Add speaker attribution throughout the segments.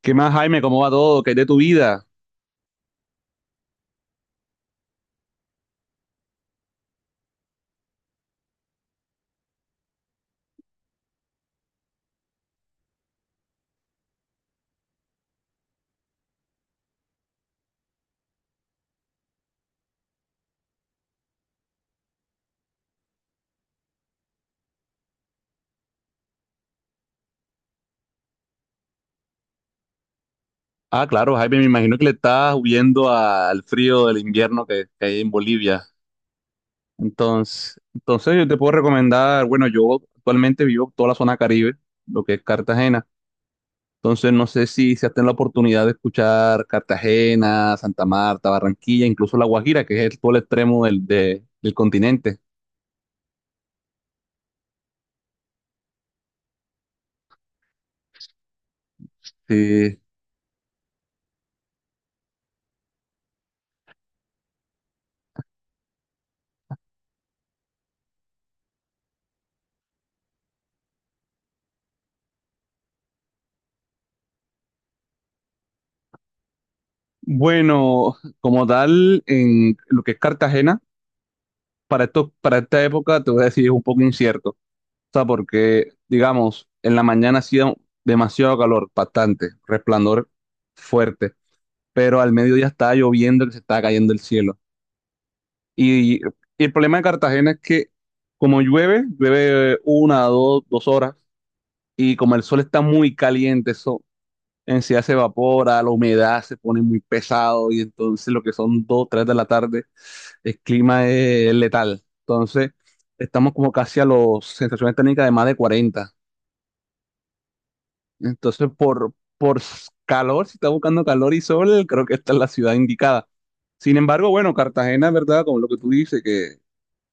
Speaker 1: ¿Qué más, Jaime? ¿Cómo va todo? ¿Qué es de tu vida? Ah, claro, Jaime, me imagino que le estás huyendo al frío del invierno que hay en Bolivia. Entonces yo te puedo recomendar, bueno, yo actualmente vivo toda la zona Caribe, lo que es Cartagena. Entonces, no sé si se has tenido la oportunidad de escuchar Cartagena, Santa Marta, Barranquilla, incluso La Guajira, que es todo el extremo del continente. Sí. Bueno, como tal, en lo que es Cartagena, para esta época, te voy a decir, es un poco incierto sea, porque, digamos, en la mañana hacía demasiado calor, bastante, resplandor fuerte, pero al mediodía estaba lloviendo, que se estaba cayendo el cielo. Y el problema de Cartagena es que como llueve, llueve una, dos horas, y como el sol está muy caliente, eso en sí se evapora, la humedad se pone muy pesado, y entonces lo que son dos, tres de la tarde, el clima es letal. Entonces, estamos como casi a las sensaciones térmicas de más de 40. Entonces, por calor, si está buscando calor y sol, creo que esta es la ciudad indicada. Sin embargo, bueno, Cartagena, ¿verdad? Como lo que tú dices, que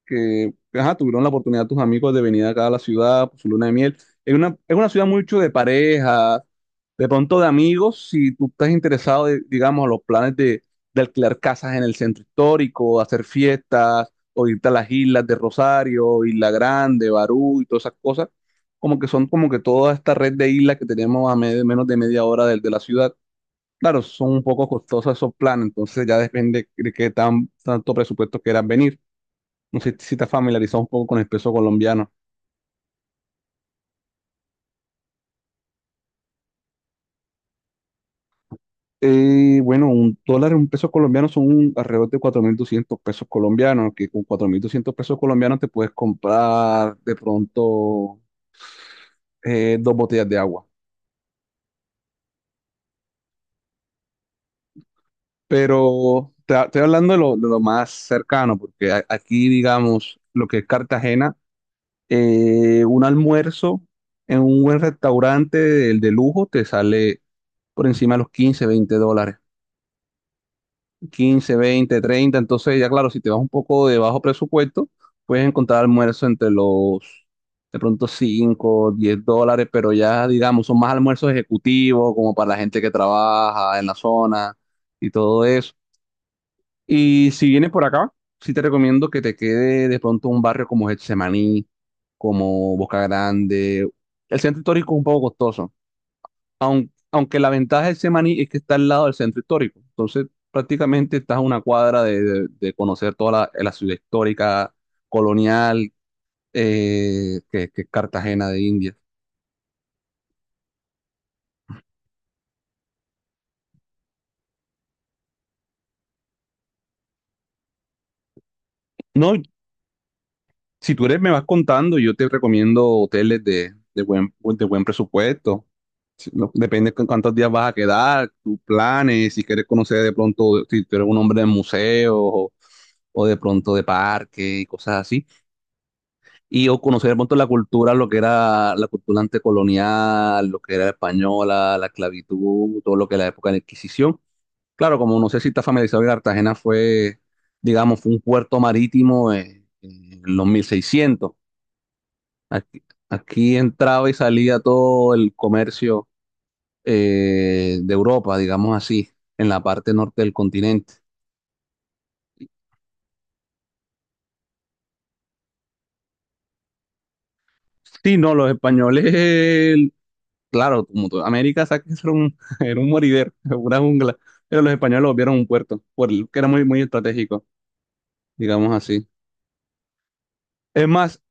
Speaker 1: que ajá, tuvieron la oportunidad tus amigos de venir acá a la ciudad por su luna de miel. Es una ciudad mucho de parejas, de pronto de amigos, si tú estás interesado, de, digamos, a los planes de alquilar casas en el centro histórico, hacer fiestas, o irte a las islas de Rosario, Isla Grande, Barú y todas esas cosas, como que son como que toda esta red de islas que tenemos a menos de media hora de la ciudad. Claro, son un poco costosos esos planes, entonces ya depende de qué tanto presupuesto quieran venir. No sé si te has familiarizado un poco con el peso colombiano. Bueno, un dólar, un peso colombiano son alrededor de 4.200 pesos colombianos, que con cuatro mil doscientos pesos colombianos te puedes comprar de pronto dos botellas de agua. Pero estoy hablando de lo más cercano, porque aquí, digamos, lo que es Cartagena, un almuerzo en un buen restaurante de lujo te sale por encima de los 15 20 dólares. Quince, 20, 30. Entonces, ya claro, si te vas un poco de bajo presupuesto, puedes encontrar almuerzo entre los de pronto 5, 10 dólares, pero ya digamos, son más almuerzos ejecutivos, como para la gente que trabaja en la zona y todo eso. Y si vienes por acá, sí te recomiendo que te quede de pronto un barrio como Getsemaní, como Boca Grande. El centro histórico es un poco costoso, aunque la ventaja de Semaní es que está al lado del centro histórico. Entonces, prácticamente estás a una cuadra de conocer toda la ciudad histórica, colonial, que es Cartagena de Indias. No, si tú eres, me vas contando, yo te recomiendo hoteles de buen presupuesto. Si- no, Depende con cuántos días vas a quedar, tus planes, si quieres conocer de pronto, si tú eres un hombre de museos o de pronto de parque y cosas así. Y o conocer un montón la cultura, lo que era la cultura antecolonial, lo que era la española, la esclavitud, todo lo que era la época de la Inquisición. Claro, como no sé si está familiarizado, Cartagena fue, digamos, fue un puerto marítimo en los mil seiscientos. Aquí, aquí entraba y salía todo el comercio de Europa, digamos así, en la parte norte del continente. Sí, no, los españoles claro, como toda América, ¿sabes que eso era un, era un moridero, una jungla? Pero los españoles lo vieron un puerto, que era muy, muy estratégico, digamos así. Es más,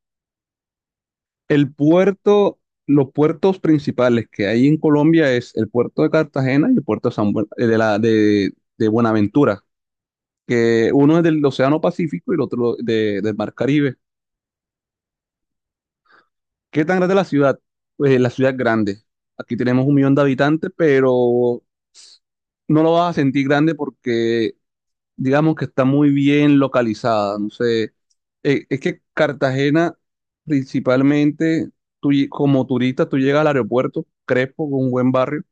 Speaker 1: el puerto, los puertos principales que hay en Colombia es el puerto de Cartagena y el puerto de, San Buen- de, la, de Buenaventura, que uno es del Océano Pacífico y el otro del Mar Caribe. ¿Qué tan grande es la ciudad? Pues la ciudad es grande. Aquí tenemos un millón de habitantes, pero no lo vas a sentir grande porque digamos que está muy bien localizada. No sé, es que Cartagena, principalmente, como turista, tú llegas al aeropuerto, Crespo, con un buen barrio,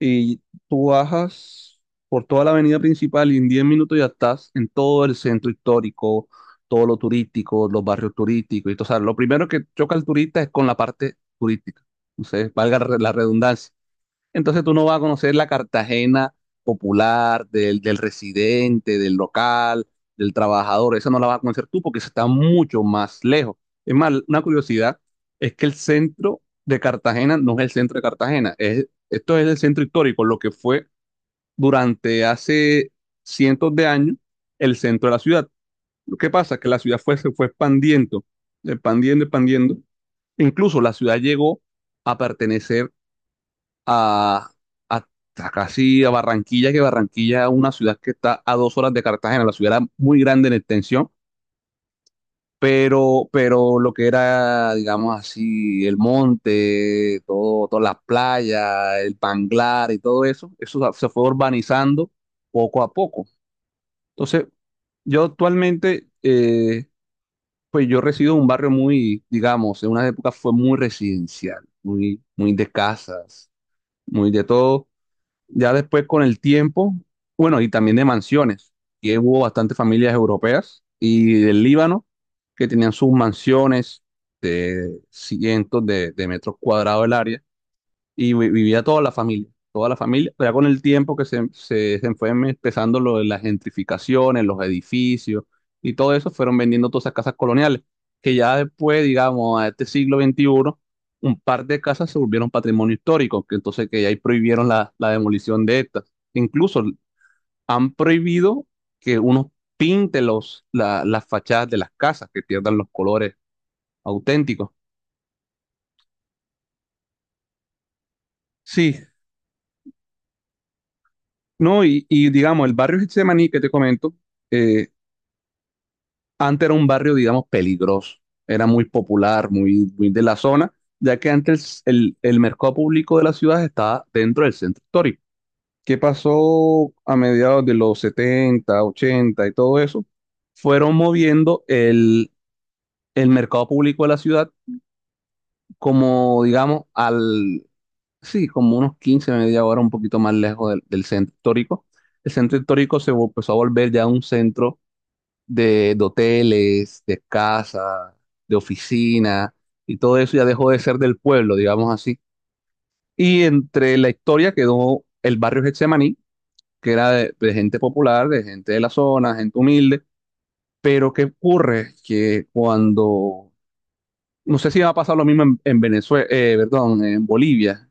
Speaker 1: y tú bajas por toda la avenida principal y en 10 minutos ya estás en todo el centro histórico, todo lo turístico, los barrios turísticos. Y, todo. O sea, lo primero que choca al turista es con la parte turística. No sé, valga la redundancia. Entonces tú no vas a conocer la Cartagena popular, del residente, del local, del trabajador. Esa no la vas a conocer tú porque esa está mucho más lejos. Es más, una curiosidad es que el centro de Cartagena no es el centro de Cartagena. Esto es el centro histórico, lo que fue durante hace cientos de años el centro de la ciudad. Lo que pasa es que la ciudad se fue expandiendo, expandiendo, expandiendo. Incluso la ciudad llegó a pertenecer a, a- a casi a Barranquilla, que Barranquilla es una ciudad que está a dos horas de Cartagena, la ciudad era muy grande en extensión, pero lo que era, digamos así, el monte, todas las playas, el Panglar y todo eso, eso se fue urbanizando poco a poco. Entonces, yo actualmente, pues yo resido en un barrio muy, digamos, en una época fue muy residencial, muy, muy de casas, muy de todo. Ya después con el tiempo, bueno, y también de mansiones, y hubo bastantes familias europeas y del Líbano que tenían sus mansiones de cientos de metros cuadrados el área y vivía toda la familia, pero ya con el tiempo que se fue empezando lo de las gentrificaciones, los edificios y todo eso, fueron vendiendo todas esas casas coloniales, que ya después, digamos, a este siglo veintiuno un par de casas se volvieron patrimonio histórico, que entonces que ya ahí prohibieron la demolición de estas. Incluso han prohibido que uno pinte las fachadas de las casas, que pierdan los colores auténticos. Sí, no, y digamos, el barrio Getsemaní que te comento, eh, antes era un barrio, digamos, peligroso. Era muy popular, muy, muy de la zona, ya que antes el mercado público de la ciudad estaba dentro del centro histórico. ¿Qué pasó a mediados de los 70, 80 y todo eso? Fueron moviendo el mercado público de la ciudad como, digamos, sí, como unos 15, media hora, un poquito más lejos del centro histórico. El centro histórico empezó a volver ya un centro de hoteles, de casa, de oficina, y todo eso ya dejó de ser del pueblo, digamos así. Y entre la historia quedó el barrio Getsemaní, que era de gente popular, de gente de la zona, gente humilde. Pero ¿qué ocurre? Que cuando, no sé si va a pasar lo mismo en Venezuela, perdón, en Bolivia,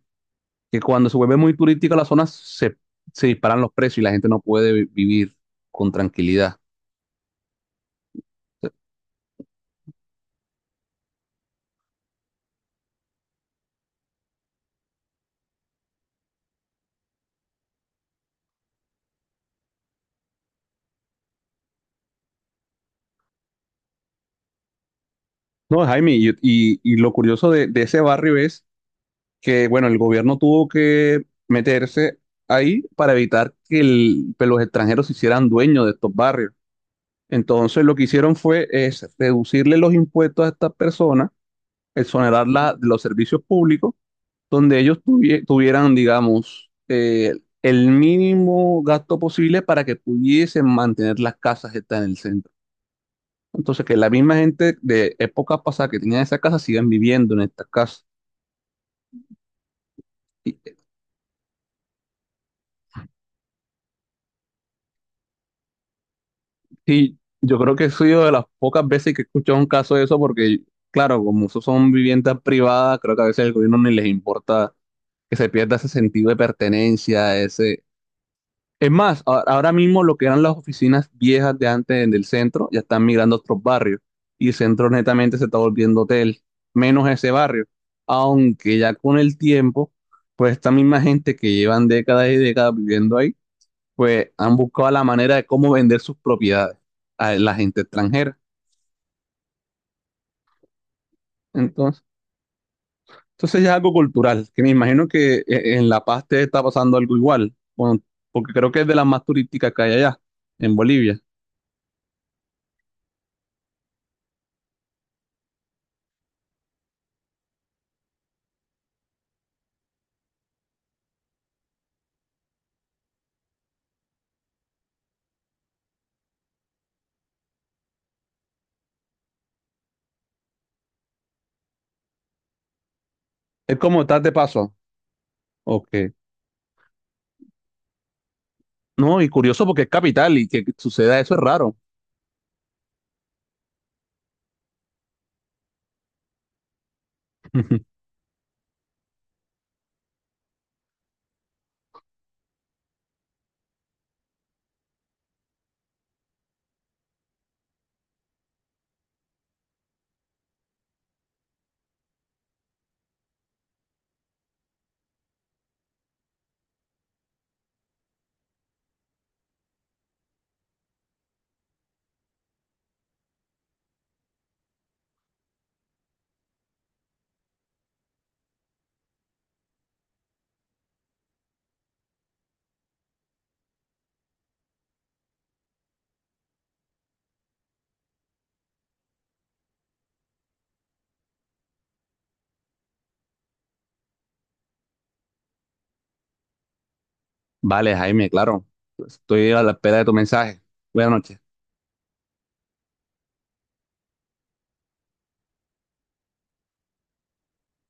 Speaker 1: que cuando se vuelve muy turística la zona, se disparan los precios y la gente no puede vivir con tranquilidad. No, Jaime, y lo curioso de ese barrio es que, bueno, el gobierno tuvo que meterse ahí para evitar que los extranjeros se hicieran dueños de estos barrios. Entonces, lo que hicieron fue es reducirle los impuestos a estas personas, exonerarlas de los servicios públicos donde ellos tuvieran, digamos, el mínimo gasto posible para que pudiesen mantener las casas que están en el centro. Entonces, que la misma gente de épocas pasadas que tenían esa casa sigan viviendo en estas casas. Y, y yo creo que he sido de las pocas veces que he escuchado un caso de eso, porque, claro, como eso son viviendas privadas, creo que a veces al gobierno ni les importa que se pierda ese sentido de pertenencia, ese. Es más, ahora mismo lo que eran las oficinas viejas de antes en el centro ya están migrando a otros barrios y el centro netamente se está volviendo hotel, menos ese barrio. Aunque ya con el tiempo, pues esta misma gente que llevan décadas y décadas viviendo ahí, pues han buscado la manera de cómo vender sus propiedades a la gente extranjera. Entonces, entonces ya es algo cultural, que me imagino que en La Paz te está pasando algo igual, bueno, porque creo que es de las más turísticas que hay allá, en Bolivia. Es como estás de paso. Ok. No, y curioso porque es capital y que suceda eso es raro. Vale, Jaime, claro. Estoy a la espera de tu mensaje. Buenas noches.